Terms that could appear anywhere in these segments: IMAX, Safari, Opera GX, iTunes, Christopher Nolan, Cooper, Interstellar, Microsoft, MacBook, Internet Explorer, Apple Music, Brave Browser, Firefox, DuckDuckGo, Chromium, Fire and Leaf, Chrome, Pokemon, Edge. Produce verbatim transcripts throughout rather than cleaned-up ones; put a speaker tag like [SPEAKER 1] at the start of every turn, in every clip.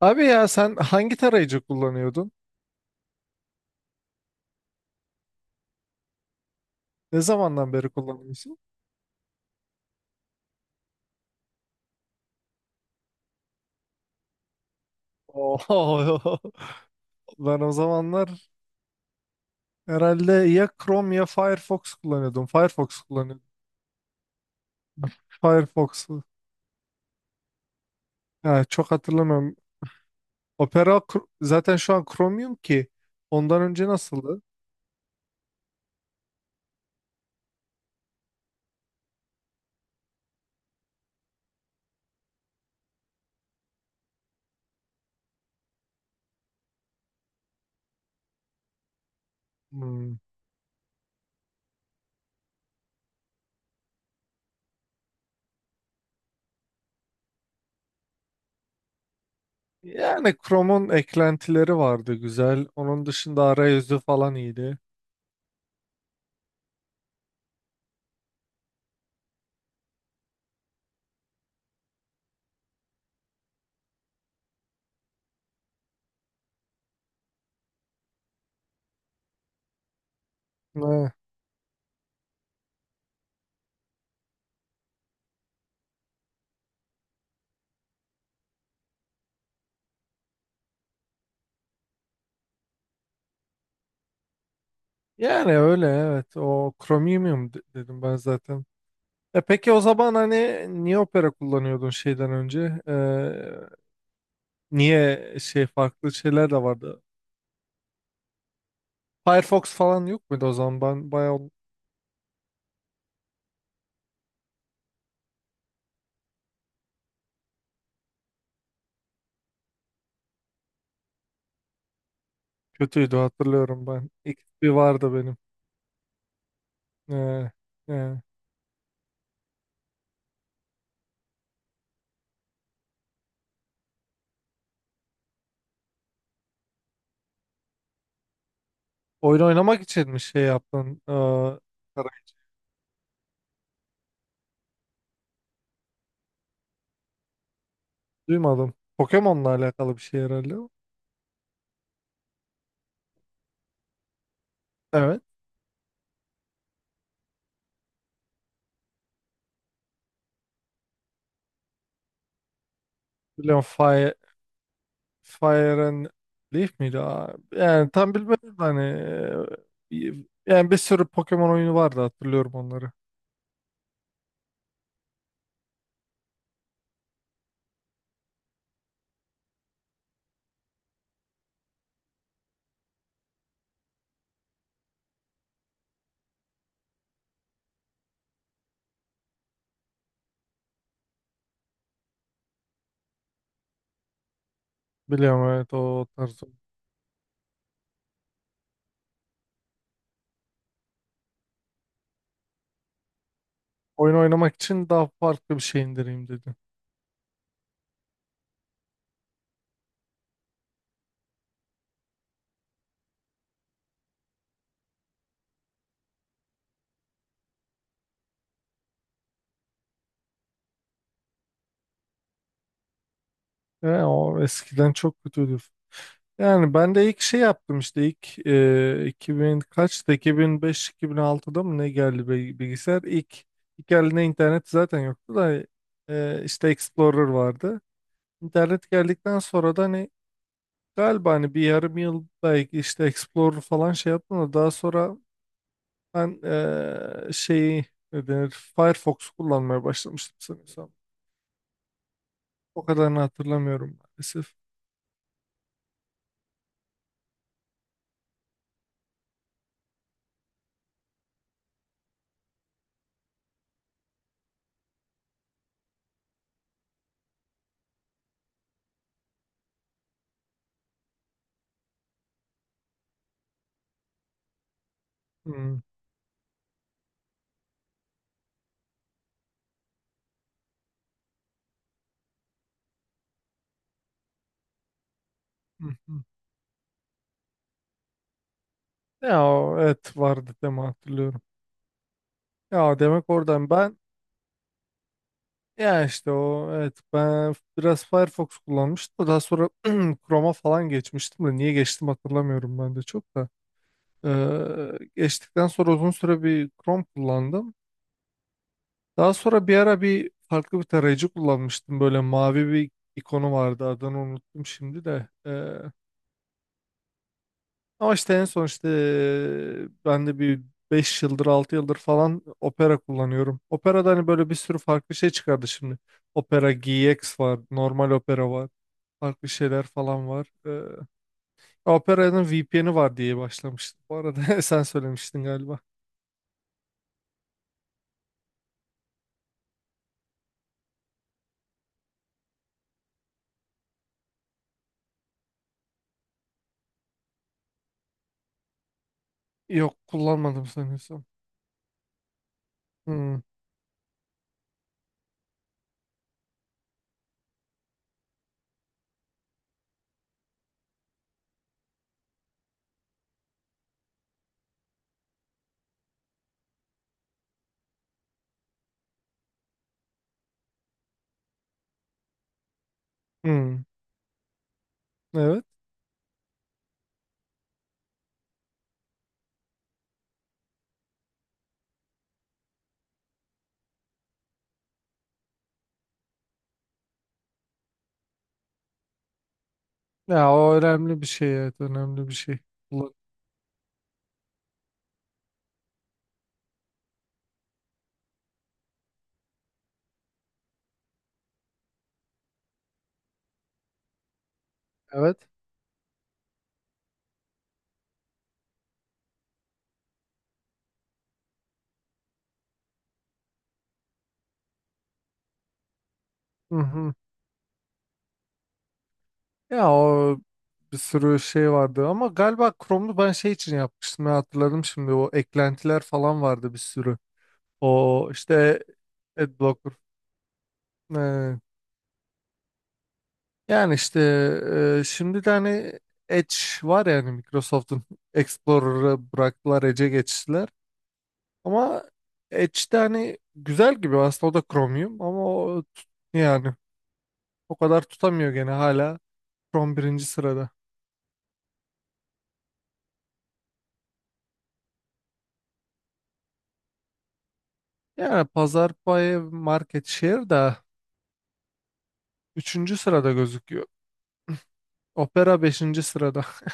[SPEAKER 1] Abi ya sen hangi tarayıcı kullanıyordun? Ne zamandan beri kullanıyorsun? Oho. Ben o zamanlar herhalde ya Chrome ya Firefox kullanıyordum. Firefox kullanıyordum. Firefox'u. Yani çok hatırlamıyorum. Opera Kr- zaten şu an Chromium ki. Ondan önce nasıldı? Hmm. Yani Chrome'un eklentileri vardı güzel. Onun dışında arayüzü falan iyiydi. Ha, yani öyle evet. O Chromium de- dedim ben zaten. E peki o zaman hani niye opera kullanıyordun şeyden önce? Ee, niye şey farklı şeyler de vardı? Firefox falan yok muydu o zaman? Ben bayağı kötüydü hatırlıyorum ben. X P vardı benim. Ee, e, Oyun oynamak için mi şey yaptın? Ee, arayı duymadım. Pokemon'la alakalı bir şey herhalde. O. Evet. Biliyorum Fire, Fire and Leaf miydi? Aa, yani tam bilmedim de hani. e, Yani bir sürü Pokemon oyunu vardı, hatırlıyorum onları. Biliyorum, evet, o tarz. Oyun oynamak için daha farklı bir şey indireyim dedi. Yani o eskiden çok kötüydü. Yani ben de ilk şey yaptım işte ilk e, iki bin kaçtı, iki bin beş iki bin altıda mı ne geldi bi- bilgisayar? İlk, ilk eline internet zaten yoktu da e, işte Explorer vardı. İnternet geldikten sonra da hani galiba hani bir yarım yıl belki işte Explorer falan şey yaptım da daha sonra ben eee şeyi, ne denir, Firefox kullanmaya başlamıştım sanırsam. O kadarını hatırlamıyorum maalesef. Hmm, hı hı. Ya o, evet vardı deme hatırlıyorum. Ya demek oradan ben ya işte o evet ben biraz Firefox kullanmıştım. da Daha sonra Chrome'a falan geçmiştim de niye geçtim hatırlamıyorum ben de çok da. Eee, geçtikten sonra uzun süre bir Chrome kullandım. Daha sonra bir ara bir farklı bir tarayıcı kullanmıştım. Böyle mavi bir ikonu vardı. Adını unuttum şimdi de. Ee, ama işte en son işte e, ben de bir beş yıldır altı yıldır falan Opera kullanıyorum. Opera'da hani böyle bir sürü farklı şey çıkardı şimdi. Opera G X var. Normal Opera var. Farklı şeyler falan var. Ee, Opera'nın V P N'i var diye başlamıştım. Bu arada sen söylemiştin galiba. Yok, kullanmadım sanıyorsam. Hmm, hmm. Evet. Ya o önemli bir şey, evet, önemli bir şey. Kullan- Evet. Hı hı. Ya o bir sürü şey vardı ama galiba Chrome'u ben şey için yapmıştım ya, hatırladım şimdi, o eklentiler falan vardı bir sürü. O işte Adblocker. Ee, Yani işte e, şimdi de hani Edge var yani Microsoft'un Explorer'ı bıraktılar, Edge'e geçtiler. Ama Edge'de hani güzel gibi aslında, o da Chromium, ama o tut- yani o kadar tutamıyor gene hala. From birinci sırada. Yani Pazar payı, market share da üçüncü sırada gözüküyor. Opera beşinci sırada.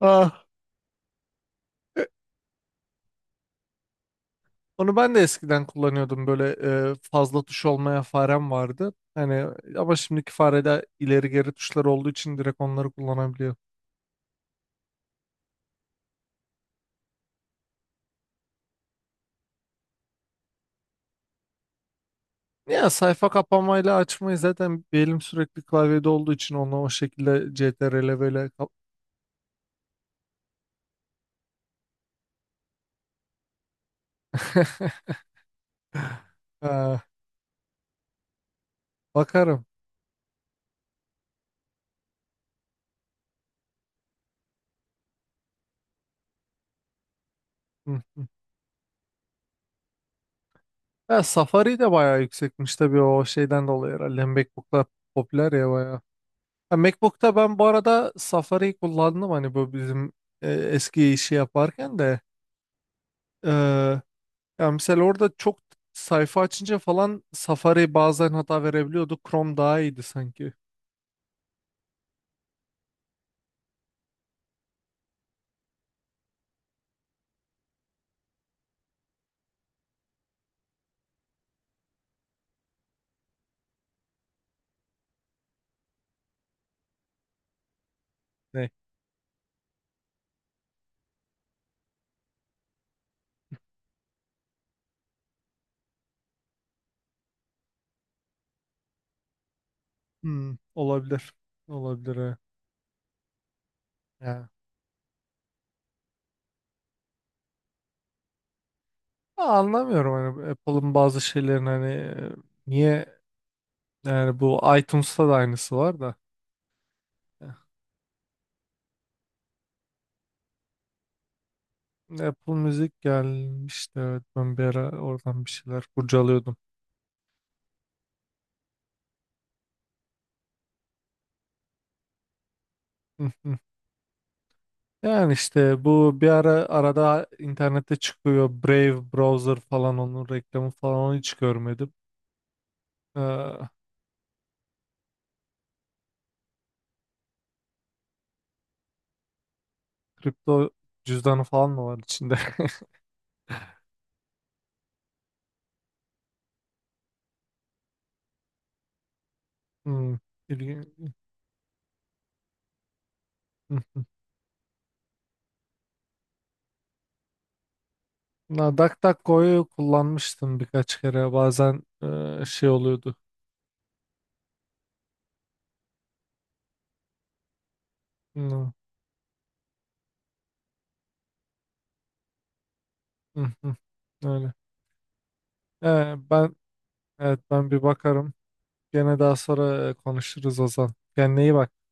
[SPEAKER 1] Ah. e, Onu ben de eskiden kullanıyordum böyle e, fazla tuş olmaya farem vardı. Hani ama şimdiki farede ileri geri tuşlar olduğu için direkt onları kullanabiliyorum. Ya sayfa kapamayla açmayı zaten bir elim sürekli klavyede olduğu için onu o şekilde kontrol böyle kap- Ha, bakarım. Hı hı. Ha, Safari de bayağı yüksekmiş tabii, o şeyden dolayı herhalde. MacBook'lar popüler ya bayağı. Ha, MacBook'ta ben bu arada Safari kullandım hani bu bizim e, eski işi yaparken de. E, Ya mesela orada çok sayfa açınca falan Safari bazen hata verebiliyordu. Chrome daha iyiydi sanki. Ne? Hmm, olabilir. Olabilir. Ha. Ya. Ha, anlamıyorum hani Apple'ın bazı şeylerin hani e, niye yani, bu iTunes'ta da aynısı var da. Apple Müzik gelmişti, evet, ben bir ara oradan bir şeyler kurcalıyordum. Hı hı. Yani işte bu bir ara arada internette çıkıyor Brave Browser falan, onun reklamı falan, onu hiç görmedim. Ee, Kripto cüzdanı falan mı var içinde? Hmm, ilgin- hı hı. Na, DuckDuckGo'yu kullanmıştım birkaç kere, bazen e, şey oluyordu. Hmm, öyle. Ee, ben, evet, ben bir bakarım. Gene daha sonra e, konuşuruz Ozan. Kendine iyi bak.